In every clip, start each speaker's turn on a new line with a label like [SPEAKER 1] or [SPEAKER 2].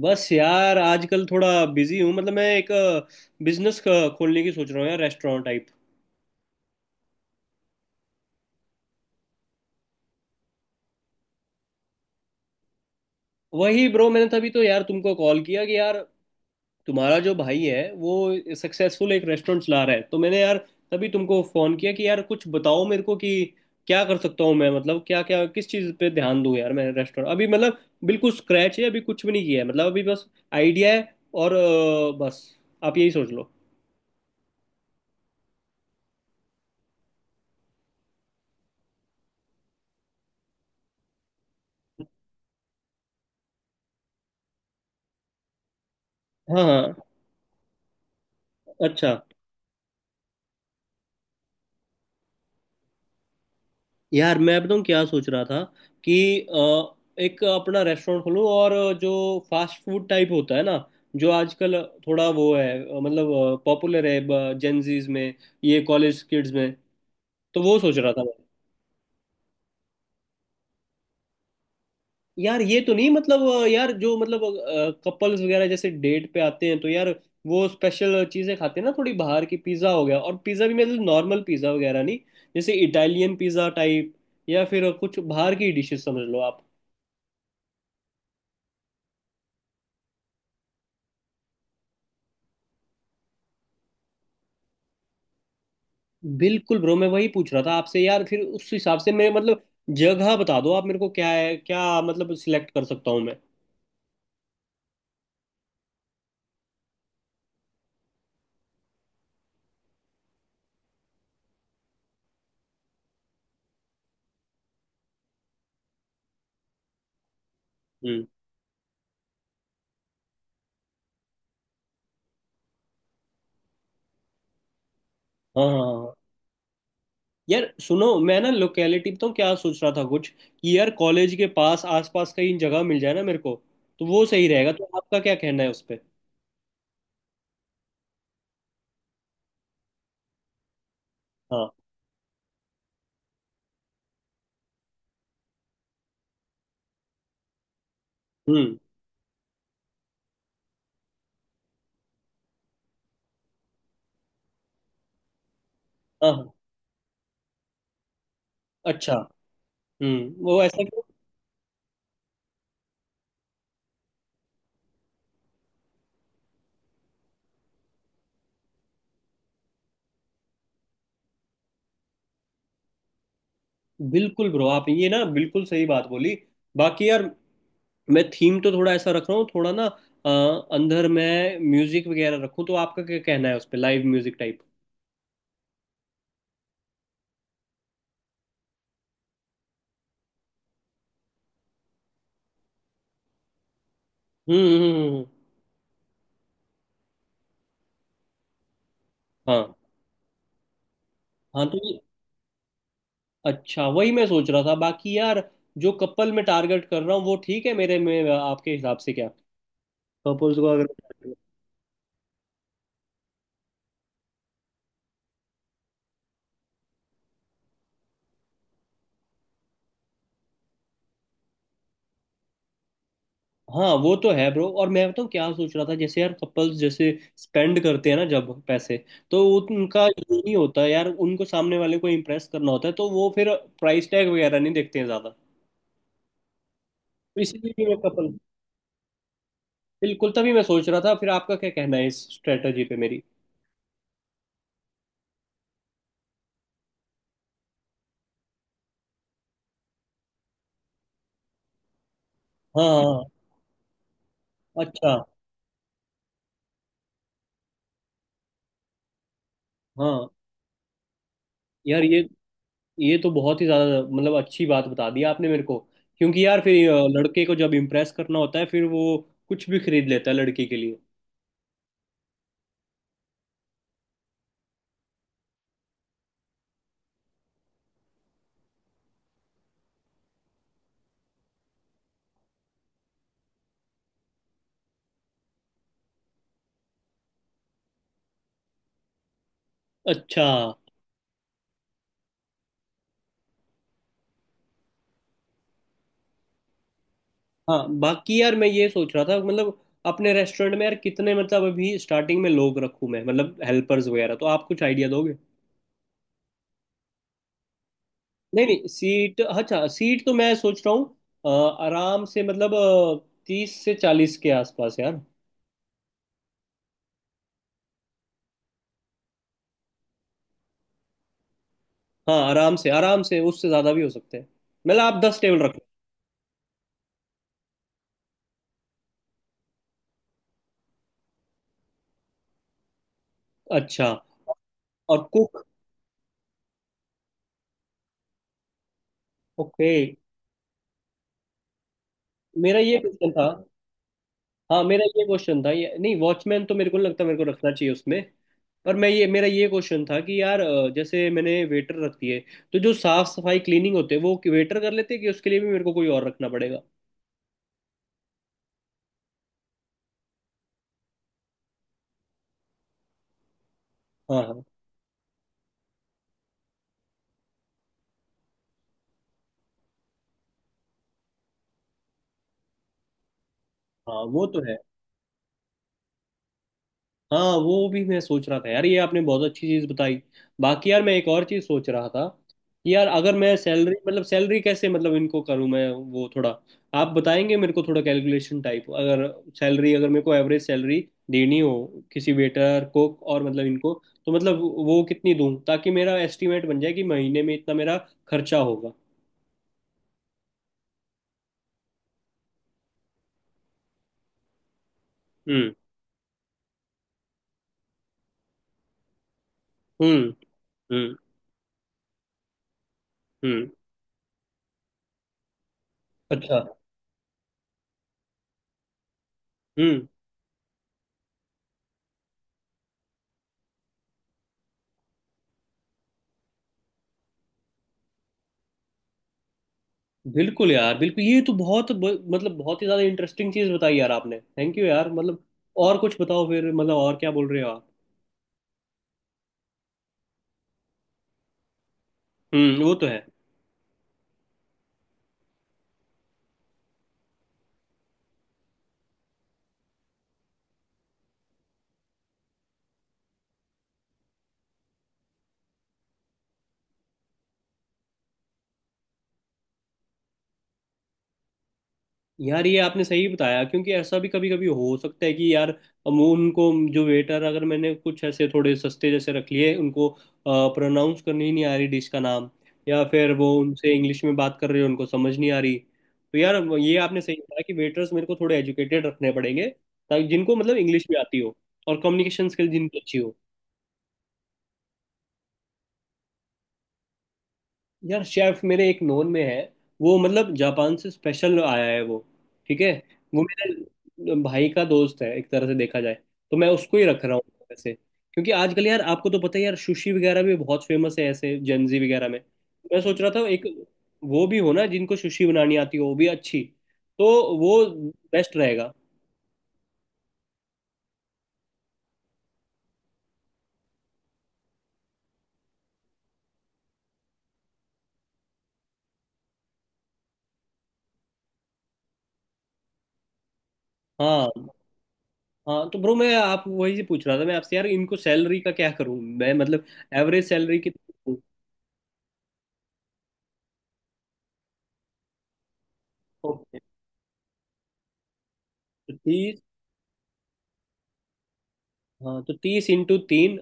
[SPEAKER 1] बस यार आजकल थोड़ा बिजी हूँ। मतलब मैं एक बिजनेस खोलने की सोच रहा हूँ यार, रेस्टोरेंट टाइप। वही ब्रो, मैंने तभी तो यार तुमको कॉल किया कि यार तुम्हारा जो भाई है वो सक्सेसफुल एक रेस्टोरेंट चला रहा है, तो मैंने यार तभी तुमको फोन किया कि यार कुछ बताओ मेरे को कि क्या कर सकता हूँ मैं। मतलब क्या क्या किस चीज़ पे ध्यान दूँ यार। मैं रेस्टोरेंट अभी मतलब बिल्कुल स्क्रैच है, अभी कुछ भी नहीं किया है, मतलब अभी बस आइडिया है और बस आप यही सोच लो। हाँ हाँ। अच्छा। यार मैं बताऊँ क्या सोच रहा था कि अ, एक अपना रेस्टोरेंट खोलूँ, और जो फास्ट फूड टाइप होता है ना, जो आजकल थोड़ा वो है मतलब पॉपुलर है जेंजीज में, ये कॉलेज किड्स में, तो वो सोच रहा था मैं। यार ये तो नहीं, मतलब यार जो मतलब कपल्स वगैरह जैसे डेट पे आते हैं तो यार वो स्पेशल चीज़ें खाते हैं ना थोड़ी बाहर की। पिज़्ज़ा हो गया, और पिज़्ज़ा भी मतलब नॉर्मल पिज़्ज़ा वगैरह नहीं, जैसे इटालियन पिज़्ज़ा टाइप, या फिर कुछ बाहर की डिशेस, समझ लो आप। बिल्कुल ब्रो, मैं वही पूछ रहा था आपसे यार। फिर उस हिसाब से मैं मतलब जगह बता दो आप मेरे को, क्या है क्या मतलब सिलेक्ट कर सकता हूँ मैं। हम्म। हाँ हाँ हाँ हाँ। यार सुनो, मैं ना लोकेलिटी तो क्या सोच रहा था कुछ, कि यार कॉलेज के पास आसपास कहीं जगह मिल जाए ना मेरे को, तो वो सही रहेगा। तो आपका क्या कहना है उस पे। हाँ। हम्म। हाँ हाँ। अच्छा। हम्म, वो ऐसा। बिल्कुल ब्रो, आप ये ना बिल्कुल सही बात बोली। बाकी यार मैं थीम तो थोड़ा ऐसा रख रहा हूँ थोड़ा ना, अ, अंदर मैं म्यूजिक वगैरह रखूँ तो आपका क्या कहना है उस पे, लाइव म्यूजिक टाइप। हम्म। हाँ। हाँ तो ये। अच्छा, वही मैं सोच रहा था। बाकी यार जो कपल मैं टारगेट कर रहा हूँ वो ठीक है मेरे में, आपके हिसाब से क्या कपल्स को अगर। हाँ वो तो है ब्रो। और मैं बताऊँ क्या सोच रहा था, जैसे यार कपल्स जैसे स्पेंड करते हैं ना जब पैसे, तो उनका ये नहीं होता यार, उनको सामने वाले को इम्प्रेस करना होता है, तो वो फिर प्राइस टैग वगैरह नहीं देखते हैं ज़्यादा। तो इसीलिए भी मैं कपल बिल्कुल, तभी मैं सोच रहा था। फिर आपका क्या कहना है इस स्ट्रेटजी पे मेरी। हाँ हाँ। अच्छा। हाँ, यार ये तो बहुत ही ज़्यादा मतलब अच्छी बात बता दी आपने मेरे को, क्योंकि यार फिर लड़के को जब इम्प्रेस करना होता है फिर वो कुछ भी खरीद लेता है लड़की के लिए। अच्छा। हाँ। बाकी यार मैं ये सोच रहा था, मतलब अपने रेस्टोरेंट में यार कितने मतलब अभी स्टार्टिंग में लोग रखूं मैं, मतलब हेल्पर्स वगैरह, तो आप कुछ आइडिया दोगे। नहीं नहीं, सीट अच्छा, सीट तो मैं सोच रहा हूँ अ, आराम से मतलब 30 से 40 के आसपास यार। हाँ, आराम से आराम से, उससे ज़्यादा भी हो सकते हैं। मतलब आप 10 टेबल रखो। अच्छा। और कुक? ओके। मेरा ये क्वेश्चन था। हाँ, मेरा ये क्वेश्चन था, ये नहीं, वॉचमैन तो मेरे को नहीं लगता मेरे को रखना चाहिए उसमें। पर मैं ये मेरा ये क्वेश्चन था कि यार जैसे मैंने वेटर रख दिए, तो जो साफ सफाई क्लीनिंग होते हैं वो वेटर कर लेते हैं, कि उसके लिए भी मेरे को कोई और रखना पड़ेगा। हाँ हाँ हाँ। वो तो है। हाँ, वो भी मैं सोच रहा था यार, ये आपने बहुत अच्छी चीज़ बताई। बाकी यार मैं एक और चीज़ सोच रहा था कि यार अगर मैं सैलरी मतलब सैलरी कैसे मतलब इनको करूँ मैं, वो थोड़ा आप बताएंगे मेरे को थोड़ा कैलकुलेशन टाइप। अगर सैलरी अगर मेरे को एवरेज सैलरी देनी हो किसी वेटर कुक और मतलब इनको, तो मतलब वो कितनी दूँ ताकि मेरा एस्टिमेट बन जाए कि महीने में इतना मेरा खर्चा होगा। हम्म। हम्म। हम्म। हम्म। अच्छा। हम्म। बिल्कुल यार, बिल्कुल ये तो बहुत मतलब बहुत ही ज्यादा इंटरेस्टिंग चीज बताई यार आपने, थैंक यू यार मतलब। और कुछ बताओ फिर, मतलब और क्या बोल रहे हो आप। हम्म, वो तो है। यार ये आपने सही बताया, क्योंकि ऐसा भी कभी कभी हो सकता है कि यार हम उनको जो वेटर अगर मैंने कुछ ऐसे थोड़े सस्ते जैसे रख लिए, उनको प्रोनाउंस करनी ही नहीं आ रही डिश का नाम, या फिर वो उनसे इंग्लिश में बात कर रहे हो उनको समझ नहीं आ रही। तो यार ये आपने सही बताया कि वेटर्स मेरे को थोड़े एजुकेटेड रखने पड़ेंगे, ताकि जिनको मतलब इंग्लिश भी आती हो, और कम्युनिकेशन स्किल जिनकी अच्छी हो। यार शेफ मेरे एक नोन में है, वो मतलब जापान से स्पेशल आया है वो, ठीक है। वो मेरे भाई का दोस्त है एक तरह से देखा जाए, तो मैं उसको ही रख रहा हूँ वैसे, क्योंकि आजकल यार आपको तो पता है यार, सुशी वगैरह भी बहुत फेमस है ऐसे जेंजी वगैरह में। मैं सोच रहा था एक वो भी हो ना जिनको सुशी बनानी आती हो वो भी अच्छी, तो वो बेस्ट रहेगा। हाँ। हाँ तो ब्रो मैं आप वही से पूछ रहा था मैं आपसे यार, इनको सैलरी का क्या करूँ मैं, मतलब एवरेज सैलरी कितनी। हाँ तो 30 इंटू 3,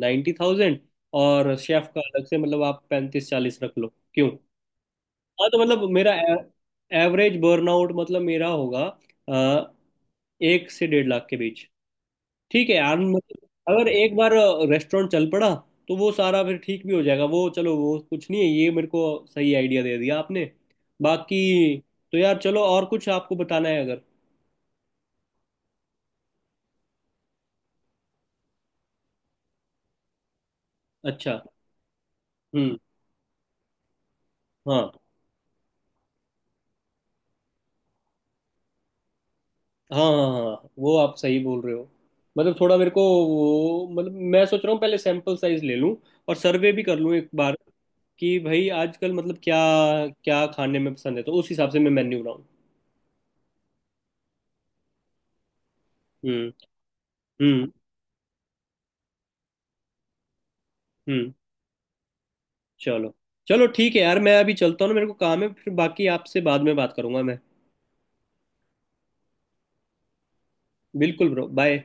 [SPEAKER 1] 90,000। और शेफ का अलग से, मतलब आप 35 40 रख लो क्यों। हाँ, तो मतलब मेरा एवरेज बर्नआउट मतलब मेरा होगा अ, 1 से 1.5 लाख के बीच। ठीक है यार, मतलब अगर एक बार रेस्टोरेंट चल पड़ा तो वो सारा फिर ठीक भी हो जाएगा, वो चलो वो कुछ नहीं है। ये मेरे को सही आइडिया दे दिया आपने बाकी। तो यार चलो, और कुछ आपको बताना है अगर। अच्छा। हम्म। हाँ हाँ हाँ हाँ, हाँ, वो आप सही बोल रहे हो, मतलब थोड़ा मेरे को वो मतलब मैं सोच रहा हूँ पहले सैंपल साइज ले लूँ, और सर्वे भी कर लूँ एक बार कि भाई आजकल मतलब क्या क्या खाने में पसंद है, तो उस हिसाब से मैं मेन्यू बनाऊँ। हम्म। हम्म। हम्म। चलो, चलो ठीक है यार, मैं अभी चलता हूँ ना, मेरे को काम है, फिर बाकी आपसे बाद में बात करूंगा मैं। बिल्कुल ब्रो, बाय।